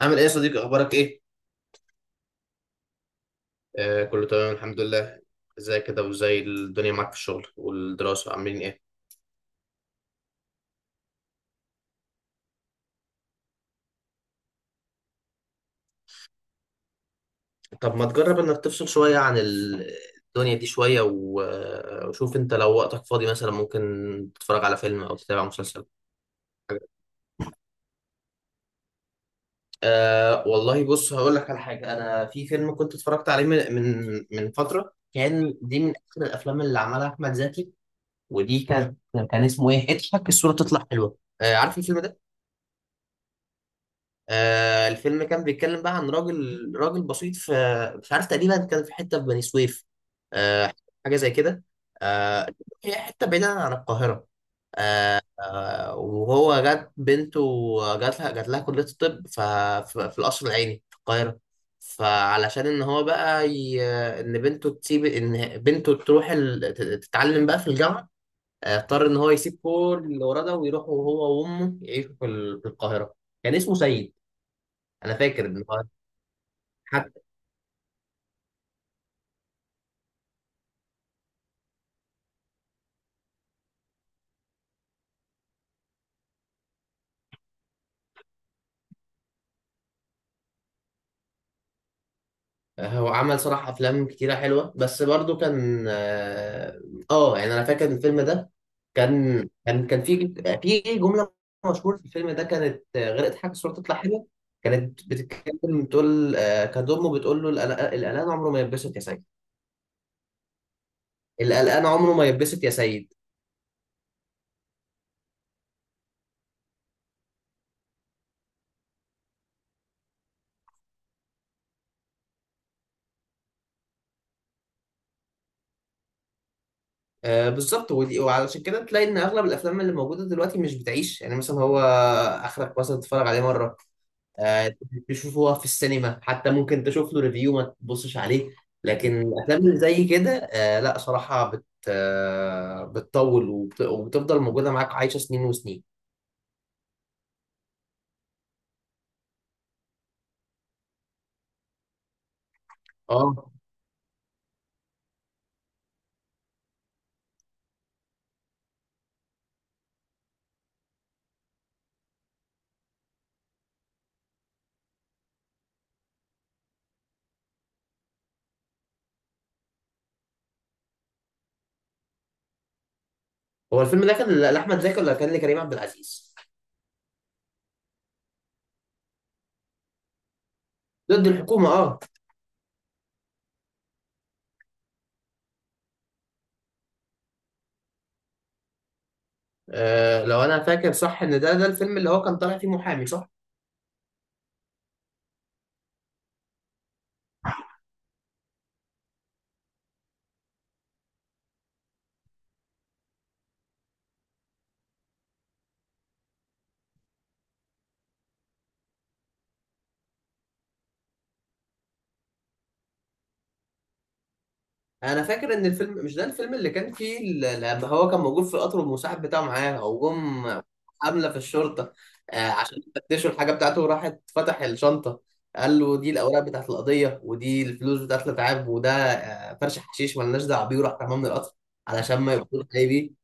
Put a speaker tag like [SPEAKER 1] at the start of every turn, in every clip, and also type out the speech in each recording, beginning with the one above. [SPEAKER 1] عامل ايه يا صديقي، اخبارك ايه؟ آه، كله تمام الحمد لله. ازاي كده، وازاي الدنيا معاك في الشغل والدراسة، عاملين ايه؟ طب ما تجرب انك تفصل شوية عن الدنيا دي شوية، وشوف انت، لو وقتك فاضي مثلا ممكن تتفرج على فيلم او تتابع مسلسل. آه، والله بص، هقول لك على حاجة. انا في فيلم كنت اتفرجت عليه من فترة، كان دي من اخر الافلام اللي عملها احمد زكي. ودي كان، اسمه ايه؟ اضحك الصورة تطلع حلوة. آه، عارف الفيلم ده؟ آه، الفيلم كان بيتكلم بقى عن راجل، راجل بسيط في، مش عارف، تقريبا كان في حته في بني سويف. آه، حاجه زي كده. آه، هي حته بعيده عن القاهره. آه، وهو جات بنته، جات لها كليه الطب في القصر العيني في القاهره. فعلشان ان هو بقى ان بنته تروح تتعلم بقى في الجامعه، اضطر ان هو يسيب كل اللي وراه ده ويروح هو وامه يعيشوا في القاهره. كان اسمه سيد. انا فاكر ان هو حتى، هو عمل صراحة أفلام كتيرة حلوة، بس برضو كان يعني أنا فاكر الفيلم ده كان، في، في جملة مشهورة في الفيلم ده، كانت، غير اضحك الصورة تطلع حلوة، كانت بتتكلم بتقول، كانت أمه بتقول له القلقان عمره ما يتبسط يا سيد. القلقان عمره ما يتبسط يا سيد. آه، بالظبط. وعلشان كده تلاقي إن أغلب الأفلام اللي موجودة دلوقتي مش بتعيش، يعني مثلا هو آخرك مثلا تتفرج عليه مرة، آه، تشوفه في السينما، حتى ممكن تشوف له ريفيو ما تبصش عليه. لكن الافلام اللي زي كده، آه، لا صراحه بت آه، بتطول، وبتفضل موجوده معاك عايشه سنين وسنين. اه. هو الفيلم ده كان لاحمد زكي ولا كان لكريم عبد العزيز؟ ضد الحكومه، اه. آه، لو انا فاكر صح، ان ده الفيلم اللي هو كان طالع فيه محامي، صح؟ انا فاكر ان الفيلم، مش ده الفيلم اللي كان فيه لما هو كان موجود في القطر، والمساعد بتاعه معاه، وجم حمله في الشرطه، عشان يفتشوا الحاجه بتاعته، وراحت فتح الشنطه، قال له دي الاوراق بتاعت القضيه، ودي الفلوس بتاعت الاتعاب، وده فرش حشيش ملناش دعوه بيه، وراح رماه من القطر علشان ما يبقوش جاي بيه.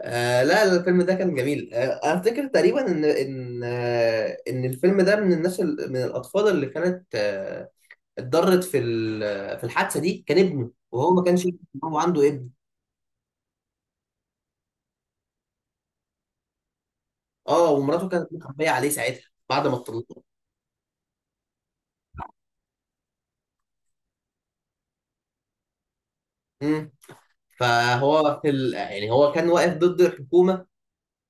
[SPEAKER 1] آه لا لا، الفيلم ده كان جميل. آه، افتكر تقريبا ان، ان الفيلم ده من الناس، من الاطفال اللي كانت، اتضرت في الحادثه دي، كان ابنه، وهو ما كانش يعرف ان هو عنده ابن. اه، ومراته كانت مخبيه عليه ساعتها بعد ما اتطلقوا. امم. فهو يعني هو كان واقف ضد الحكومه،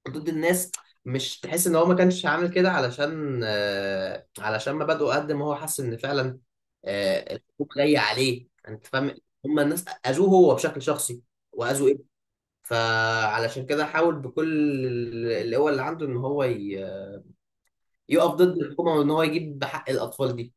[SPEAKER 1] ضد الناس. مش تحس ان هو ما كانش عامل كده علشان علشان مبادئه، قد ما هو حس ان فعلا، الحكومه جايه عليه، انت فاهم؟ هم الناس اذوه هو بشكل شخصي، واذوا ابنه، فعلشان كده حاول بكل ال- القوة اللي عنده ان هو يقف ضد الحكومة، وإن هو يجيب حق الأطفال دي.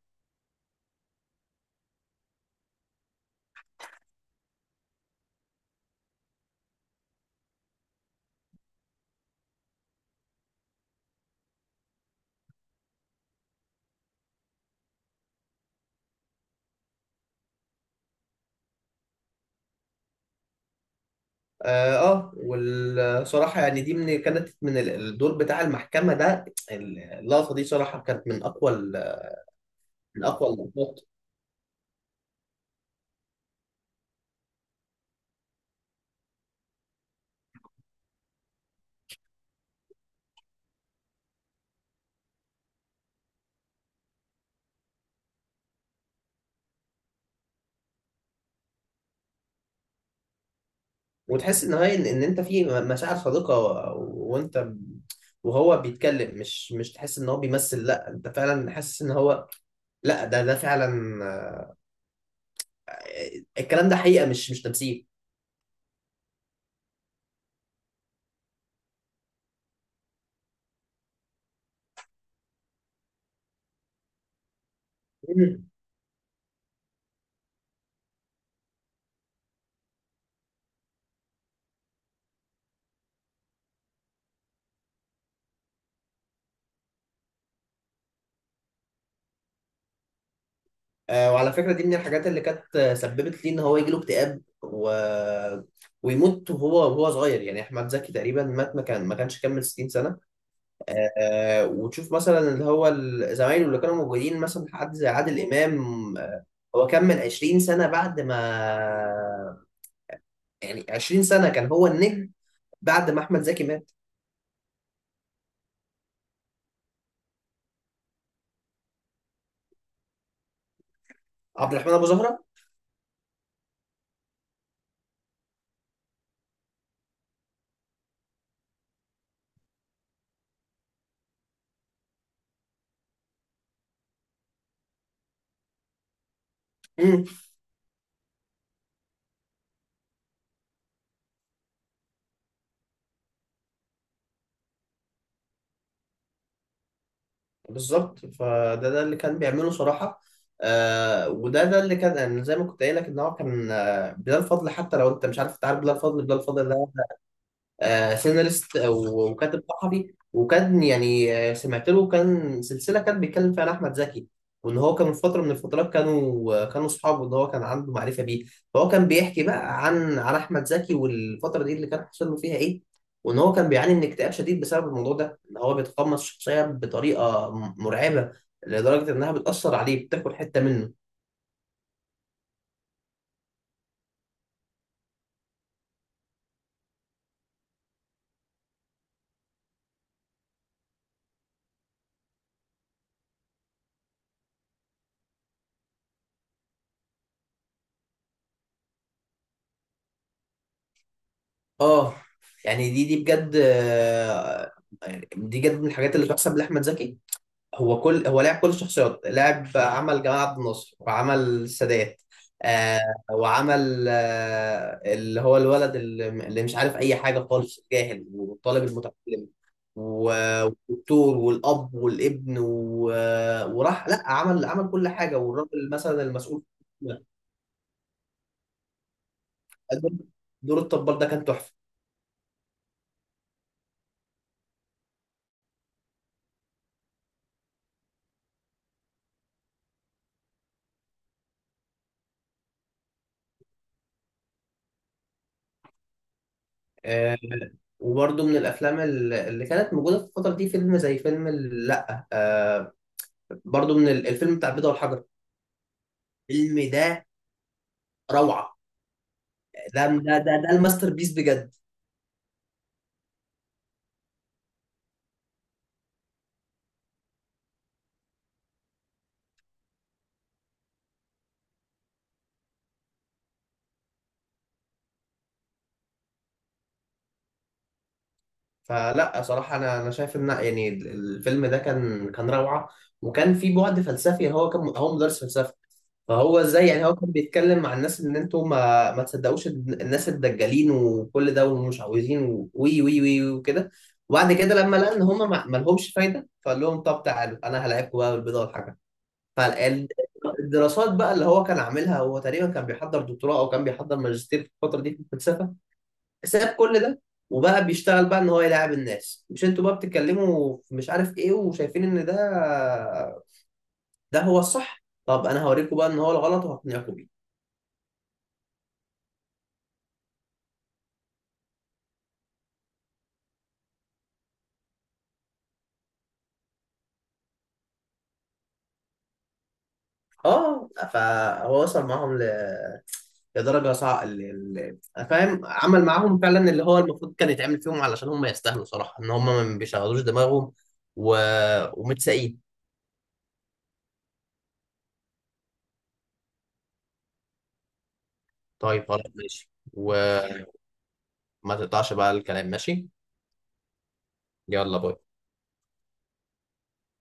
[SPEAKER 1] والصراحة يعني دي، من كانت من الدور بتاع المحكمة ده، اللقطة دي صراحة كانت من أقوى، من أقوى اللقطات. وتحس إن هي، إن أنت في مشاعر صادقة، وهو بيتكلم. مش تحس إن هو بيمثل، لا أنت فعلا حاسس إن هو، لا ده، ده فعلا، آه، الكلام ده حقيقة، مش تمثيل. آه، وعلى فكرة دي من الحاجات اللي كانت، سببت لي ان هو يجيله اكتئاب و... ويموت وهو صغير. يعني احمد زكي تقريبا مات، ما كانش كمل 60 سنة. آه، وتشوف مثلا اللي هو زمايله اللي كانوا موجودين، مثلا حد زي عادل امام، هو كمل 20 سنة بعد ما، يعني 20 سنة كان هو النجم بعد ما احمد زكي مات. عبد الرحمن ابو زهرة. بالظبط، ده اللي كان بيعمله صراحة. آه، ده اللي كان، يعني زي ما كنت قايل لك ان هو كان، بلال فضل، حتى لو انت مش عارف، تعرف بلال فضل. بلال فضل آه سيناريست او وكاتب صحفي، وكان يعني، سمعت له كان سلسله كان بيتكلم فيها عن احمد زكي، وان هو كان في فتره من الفترات كانوا، كانوا اصحابه، ان هو كان عنده معرفه بيه. فهو كان بيحكي بقى عن، احمد زكي والفتره دي اللي كان حصل له فيها ايه، وان هو كان بيعاني من اكتئاب شديد بسبب الموضوع ده، ان هو بيتقمص الشخصيه بطريقه، مرعبه، لدرجه انها بتاثر عليه، بتاكل حته منه. اه، يعني دي بجد، يعني دي بجد من الحاجات اللي تحسب لاحمد زكي. هو لعب كل الشخصيات، لعب عمل جمال عبد الناصر، وعمل السادات، آه، وعمل اللي هو الولد، اللي مش عارف اي حاجه خالص جاهل، والطالب المتعلم، والدكتور والاب والابن و... وراح لا، عمل كل حاجه، والراجل مثلا المسؤول، دور الطبال ده كان تحفه. آه، وبرده من الافلام اللي كانت موجوده في الفتره دي، فيلم زي فيلم ال- لا آه برده من الفيلم بتاع البيضه والحجر. الفيلم ده روعه. ده الماستر بيس بجد. فلا صراحه، انا شايف ان، يعني الفيلم ده كان، روعه، وكان في بعد فلسفي. يعني هو كان، مدرس فلسفه. فهو ازاي، يعني هو كان بيتكلم مع الناس ان انتوا ما تصدقوش الناس الدجالين وكل ده، ومش عاوزين و- وي وي وي وكده. وبعد كده لما لقى ان هم ما لهمش فايده، فقال لهم طب تعالوا انا هلاعبكم بقى بالبيضه والحاجه. فالدراسات بقى اللي هو كان عاملها، هو تقريبا كان بيحضر دكتوراه او كان بيحضر ماجستير في الفتره دي في الفلسفه، ساب كل ده، وبقى بيشتغل بقى ان هو يلاعب الناس. مش انتوا بقى بتتكلموا في مش عارف ايه، وشايفين ان ده ده هو الصح؟ طب انا هوريكم بقى ان هو الغلط، وهقنعكم بيه. اه، فهو وصل معاهم ل... لدرجه صعبه فاهم، عمل معاهم فعلا اللي هو المفروض كان يتعمل فيهم، علشان هم يستاهلوا صراحه ان هم ما بيشغلوش دماغهم و... ومتساقين. طيب خلاص ماشي، وما تقطعش بقى الكلام، ماشي. يلا باي.